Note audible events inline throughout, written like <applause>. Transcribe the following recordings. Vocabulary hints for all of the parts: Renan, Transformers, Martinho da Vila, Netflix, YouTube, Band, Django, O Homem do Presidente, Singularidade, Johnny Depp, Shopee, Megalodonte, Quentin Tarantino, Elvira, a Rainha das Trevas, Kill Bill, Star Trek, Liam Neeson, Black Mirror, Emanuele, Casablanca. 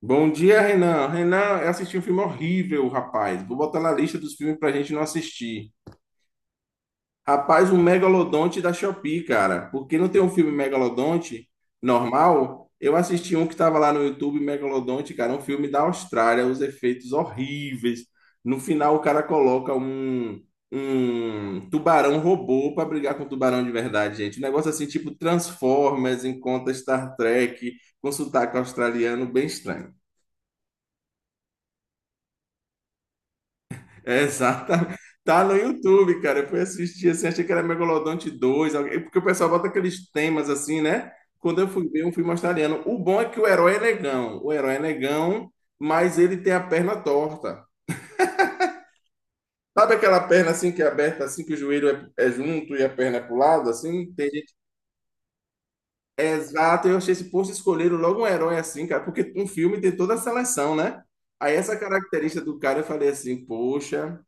Bom dia, Renan. Renan, eu assisti um filme horrível, rapaz. Vou botar na lista dos filmes pra gente não assistir. Rapaz, um Megalodonte da Shopee, cara. Porque não tem um filme Megalodonte normal? Eu assisti um que tava lá no YouTube, Megalodonte, cara, um filme da Austrália, os efeitos horríveis. No final, o cara coloca um tubarão robô pra brigar com o tubarão de verdade, gente. Um negócio assim, tipo Transformers, encontra Star Trek, com sotaque australiano, bem estranho. É, exatamente. Tá no YouTube, cara. Eu fui assistir assim, achei que era Megalodonte 2 porque o pessoal bota aqueles temas assim, né? Quando eu fui ver um filme australiano. O bom é que o herói é negão. O herói é negão, mas ele tem a perna torta. Sabe aquela perna assim que é aberta, assim, que o joelho é junto e a perna é pro lado, assim? Tem gente. Exato, eu achei esse posto escolheram logo um herói assim, cara, porque um filme tem toda a seleção, né? Aí essa característica do cara eu falei assim, poxa.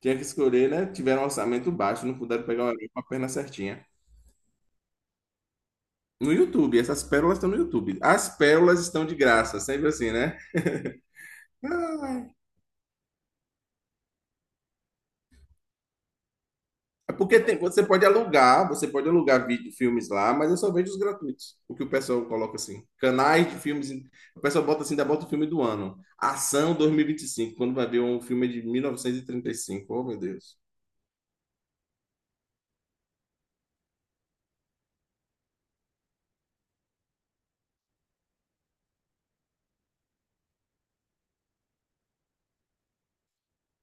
Tinha que escolher, né? Tiveram um orçamento baixo, não puderam pegar o elenco com a perna certinha. No YouTube, essas pérolas estão no YouTube. As pérolas estão de graça, sempre assim, né? Ah, é porque você pode alugar vídeo, filmes lá, mas eu só vejo os gratuitos. O que o pessoal coloca assim. Canais de filmes. O pessoal bota assim, ainda bota o filme do ano. Ação dois mil e vinte e cinco quando vai ver um filme de mil novecentos e trinta e cinco. Oh, meu Deus.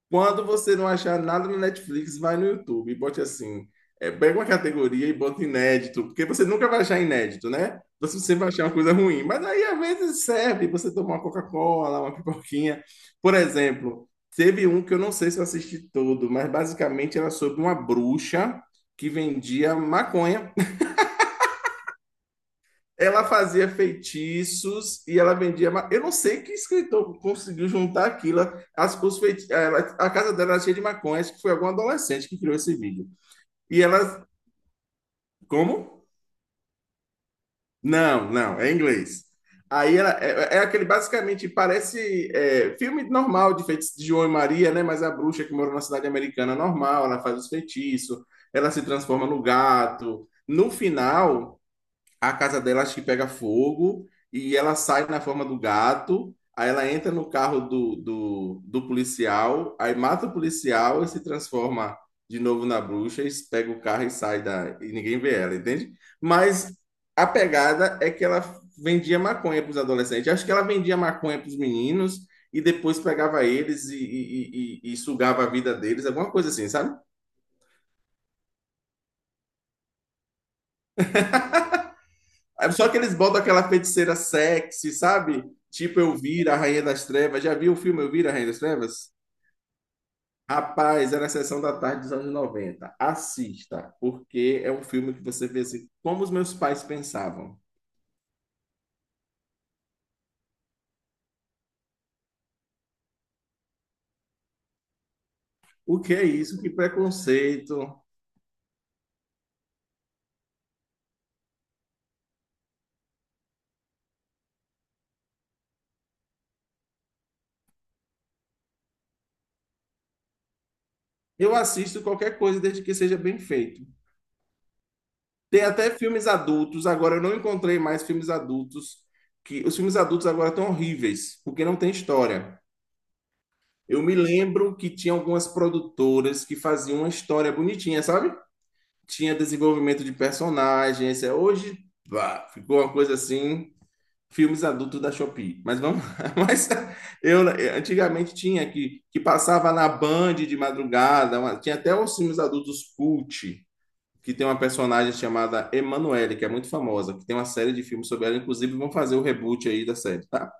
Quando você não achar nada no Netflix, vai no YouTube e bote assim. Pega uma categoria e bota inédito, porque você nunca vai achar inédito, né? Você sempre vai achar uma coisa ruim. Mas aí às vezes serve você tomar uma Coca-Cola, uma pipoquinha. Por exemplo, teve um que eu não sei se eu assisti todo, mas basicamente era sobre uma bruxa que vendia maconha. Ela fazia feitiços e ela vendia. Eu não sei que escritor conseguiu juntar aquilo. As, os feiti... eh, ela, A casa dela era cheia de maconha, acho que foi algum adolescente que criou esse vídeo. E ela. Como? Não, não, é em inglês. Aí ela é aquele basicamente parece filme normal de feitiço de João e Maria, né? Mas a bruxa que mora na cidade americana normal, ela faz os feitiços, ela se transforma no gato. No final, a casa dela acho que pega fogo e ela sai na forma do gato. Aí ela entra no carro do policial, aí mata o policial e se transforma de novo na bruxa, e pega o carro e sai da. E ninguém vê ela, entende? Mas a pegada é que ela vendia maconha para os adolescentes. Acho que ela vendia maconha para os meninos e depois pegava eles e sugava a vida deles, alguma coisa assim, sabe? Só que eles botam aquela feiticeira sexy, sabe? Tipo Elvira, a Rainha das Trevas. Já viu o filme Elvira, a Rainha das Trevas? Rapaz, era a sessão da tarde dos anos 90. Assista, porque é um filme que você vê assim, como os meus pais pensavam. O que é isso? Que preconceito. Eu assisto qualquer coisa desde que seja bem feito. Tem até filmes adultos, agora eu não encontrei mais filmes adultos que os filmes adultos agora estão horríveis, porque não tem história. Eu me lembro que tinha algumas produtoras que faziam uma história bonitinha, sabe? Tinha desenvolvimento de personagens. É, hoje, pá, ficou uma coisa assim, filmes adultos da Shopee. Mas vamos lá. <laughs> Mas eu antigamente tinha que passava na Band de madrugada, tinha até os filmes adultos cult, que tem uma personagem chamada Emanuele, que é muito famosa, que tem uma série de filmes sobre ela, inclusive vão fazer o reboot aí da série. Tá?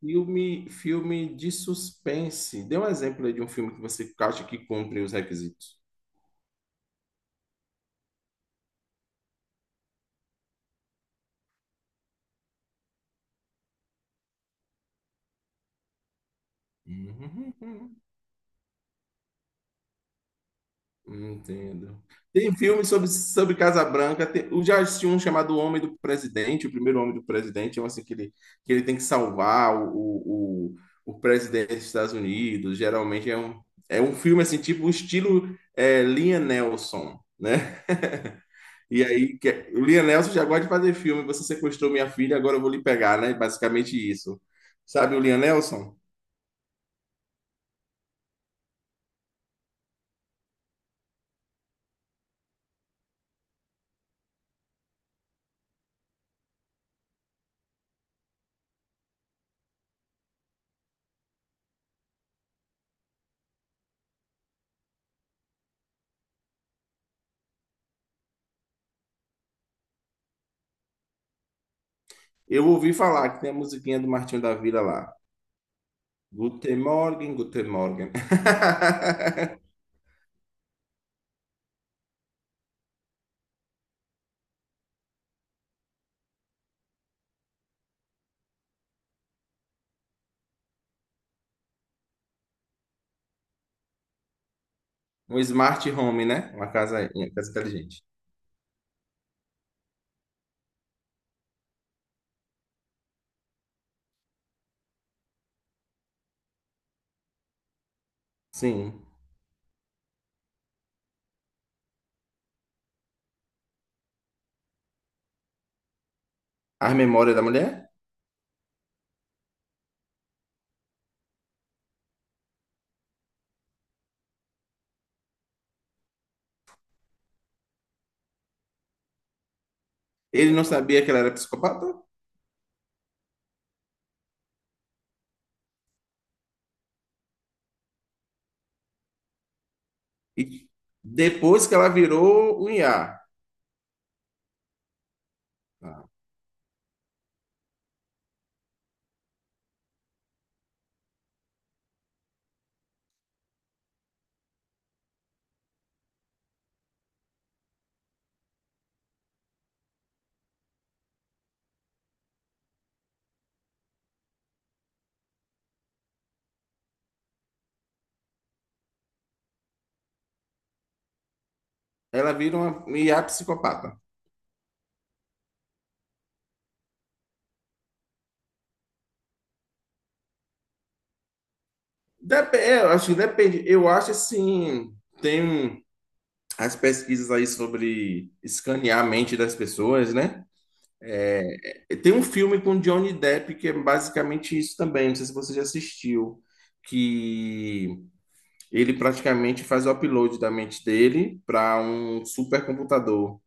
Filme de suspense. Dê um exemplo aí de um filme que você acha que cumpre os requisitos. Uhum. Entendo. Tem filme sobre Casabranca. Tem, eu já assisti um chamado O Homem do Presidente, o primeiro Homem do Presidente, é um assim que ele, tem que salvar o presidente dos Estados Unidos. Geralmente é um filme assim, tipo o estilo Liam Nelson, né? E aí, o Liam Neeson já gosta de fazer filme. Você sequestrou minha filha, agora eu vou lhe pegar, né? Basicamente isso. Sabe o Liam Neeson? Eu ouvi falar que tem a musiquinha do Martinho da Vila lá. Guten Morgen, Guten Morgen. <laughs> Um smart home, né? Uma casa inteligente. Sim. As memórias da mulher? Ele não sabia que ela era psicopata? E depois que ela virou um IA. Ela vira uma IA psicopata. Dep É, eu acho que depende. Eu acho assim. Tem um. As pesquisas aí sobre escanear a mente das pessoas, né? Tem um filme com Johnny Depp que é basicamente isso também, não sei se você já assistiu, que ele praticamente faz o upload da mente dele para um supercomputador.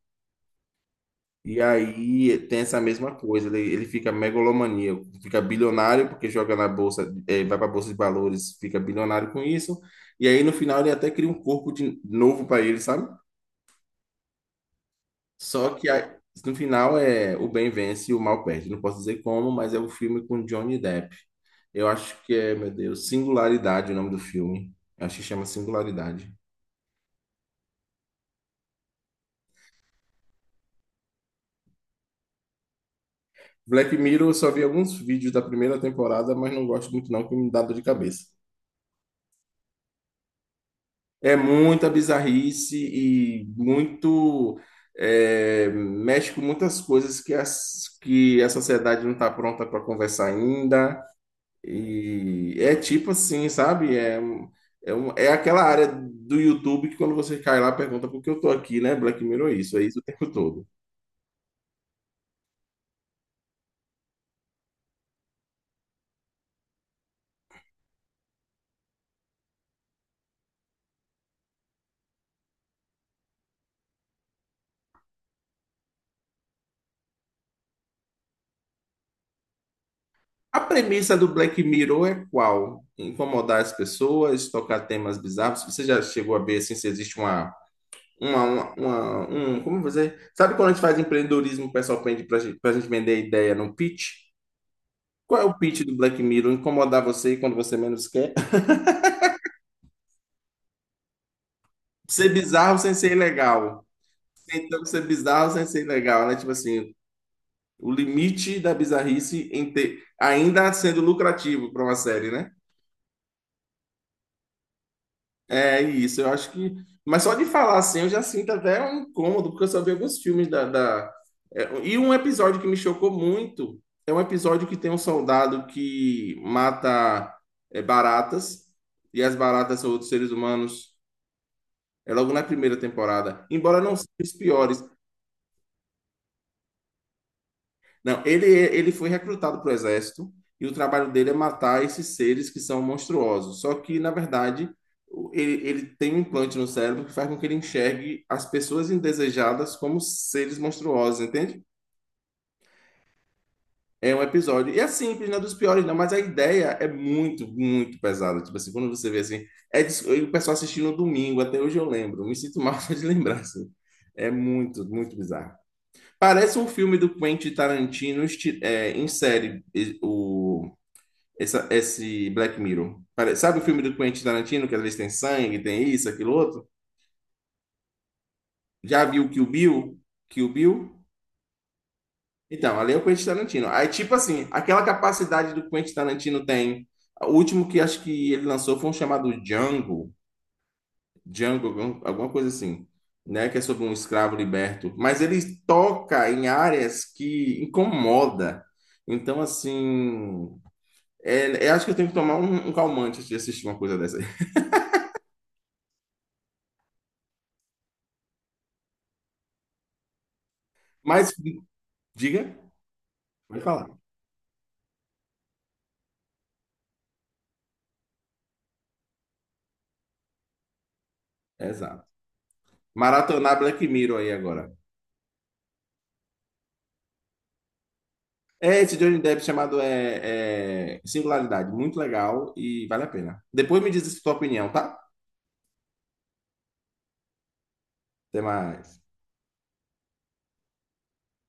E aí tem essa mesma coisa, ele fica megalomaníaco, fica bilionário porque joga na bolsa, vai para a bolsa de valores, fica bilionário com isso. E aí no final ele até cria um corpo de novo para ele, sabe? Só que no final é o bem vence e o mal perde. Não posso dizer como, mas é o filme com Johnny Depp. Eu acho que é, meu Deus, Singularidade o nome do filme. Acho que chama Singularidade. Black Mirror, eu só vi alguns vídeos da primeira temporada, mas não gosto muito não, que me dá dor de cabeça. É muita bizarrice e muito mexe com muitas coisas que a sociedade não está pronta para conversar ainda. E é tipo assim, sabe? É aquela área do YouTube que quando você cai lá, pergunta por que eu tô aqui, né? Black Mirror é isso o tempo todo. A premissa do Black Mirror é qual? Incomodar as pessoas, tocar temas bizarros. Você já chegou a ver assim, se existe uma, uma, uma, como você... Sabe quando a gente faz empreendedorismo, o pessoal pede pra gente, vender ideia no pitch? Qual é o pitch do Black Mirror? Incomodar você quando você menos quer? <laughs> Ser bizarro sem ser ilegal. Tentando ser bizarro sem ser legal, né? Tipo assim, o limite da bizarrice em ter, ainda sendo lucrativo para uma série, né? É isso, eu acho que. Mas só de falar assim, eu já sinto até um incômodo, porque eu só vi alguns filmes. E um episódio que me chocou muito é um episódio que tem um soldado que mata baratas, e as baratas são outros seres humanos. É logo na primeira temporada. Embora não sejam os piores, não, ele foi recrutado para o exército e o trabalho dele é matar esses seres que são monstruosos. Só que, na verdade, ele, ele tem um implante no cérebro que faz com que ele enxergue as pessoas indesejadas como seres monstruosos, entende? É um episódio. E é simples, não é dos piores, não, mas a ideia é muito, muito pesada. Tipo assim, quando você vê assim, e o pessoal assistindo no domingo, até hoje eu lembro, me sinto mal <laughs> só de lembrar, assim. É muito, muito bizarro. Parece um filme do Quentin Tarantino em série, esse Black Mirror. Sabe o filme do Quentin Tarantino, que às vezes tem sangue, tem isso, aquilo outro? Já viu Kill Bill? Kill Bill? Então, ali é o Quentin Tarantino. Aí, tipo assim, aquela capacidade do Quentin Tarantino tem. O último que acho que ele lançou foi um chamado Django, alguma coisa assim, né? Que é sobre um escravo liberto. Mas ele toca em áreas que incomoda. Então, assim, é, eu acho que eu tenho que tomar um calmante antes de assistir uma coisa dessa aí. <laughs> Mas, diga, pode falar. Exato. Maratonar Black Mirror aí agora. É esse Johnny Depp chamado Singularidade. Muito legal e vale a pena. Depois me diz a sua opinião, tá? Até mais.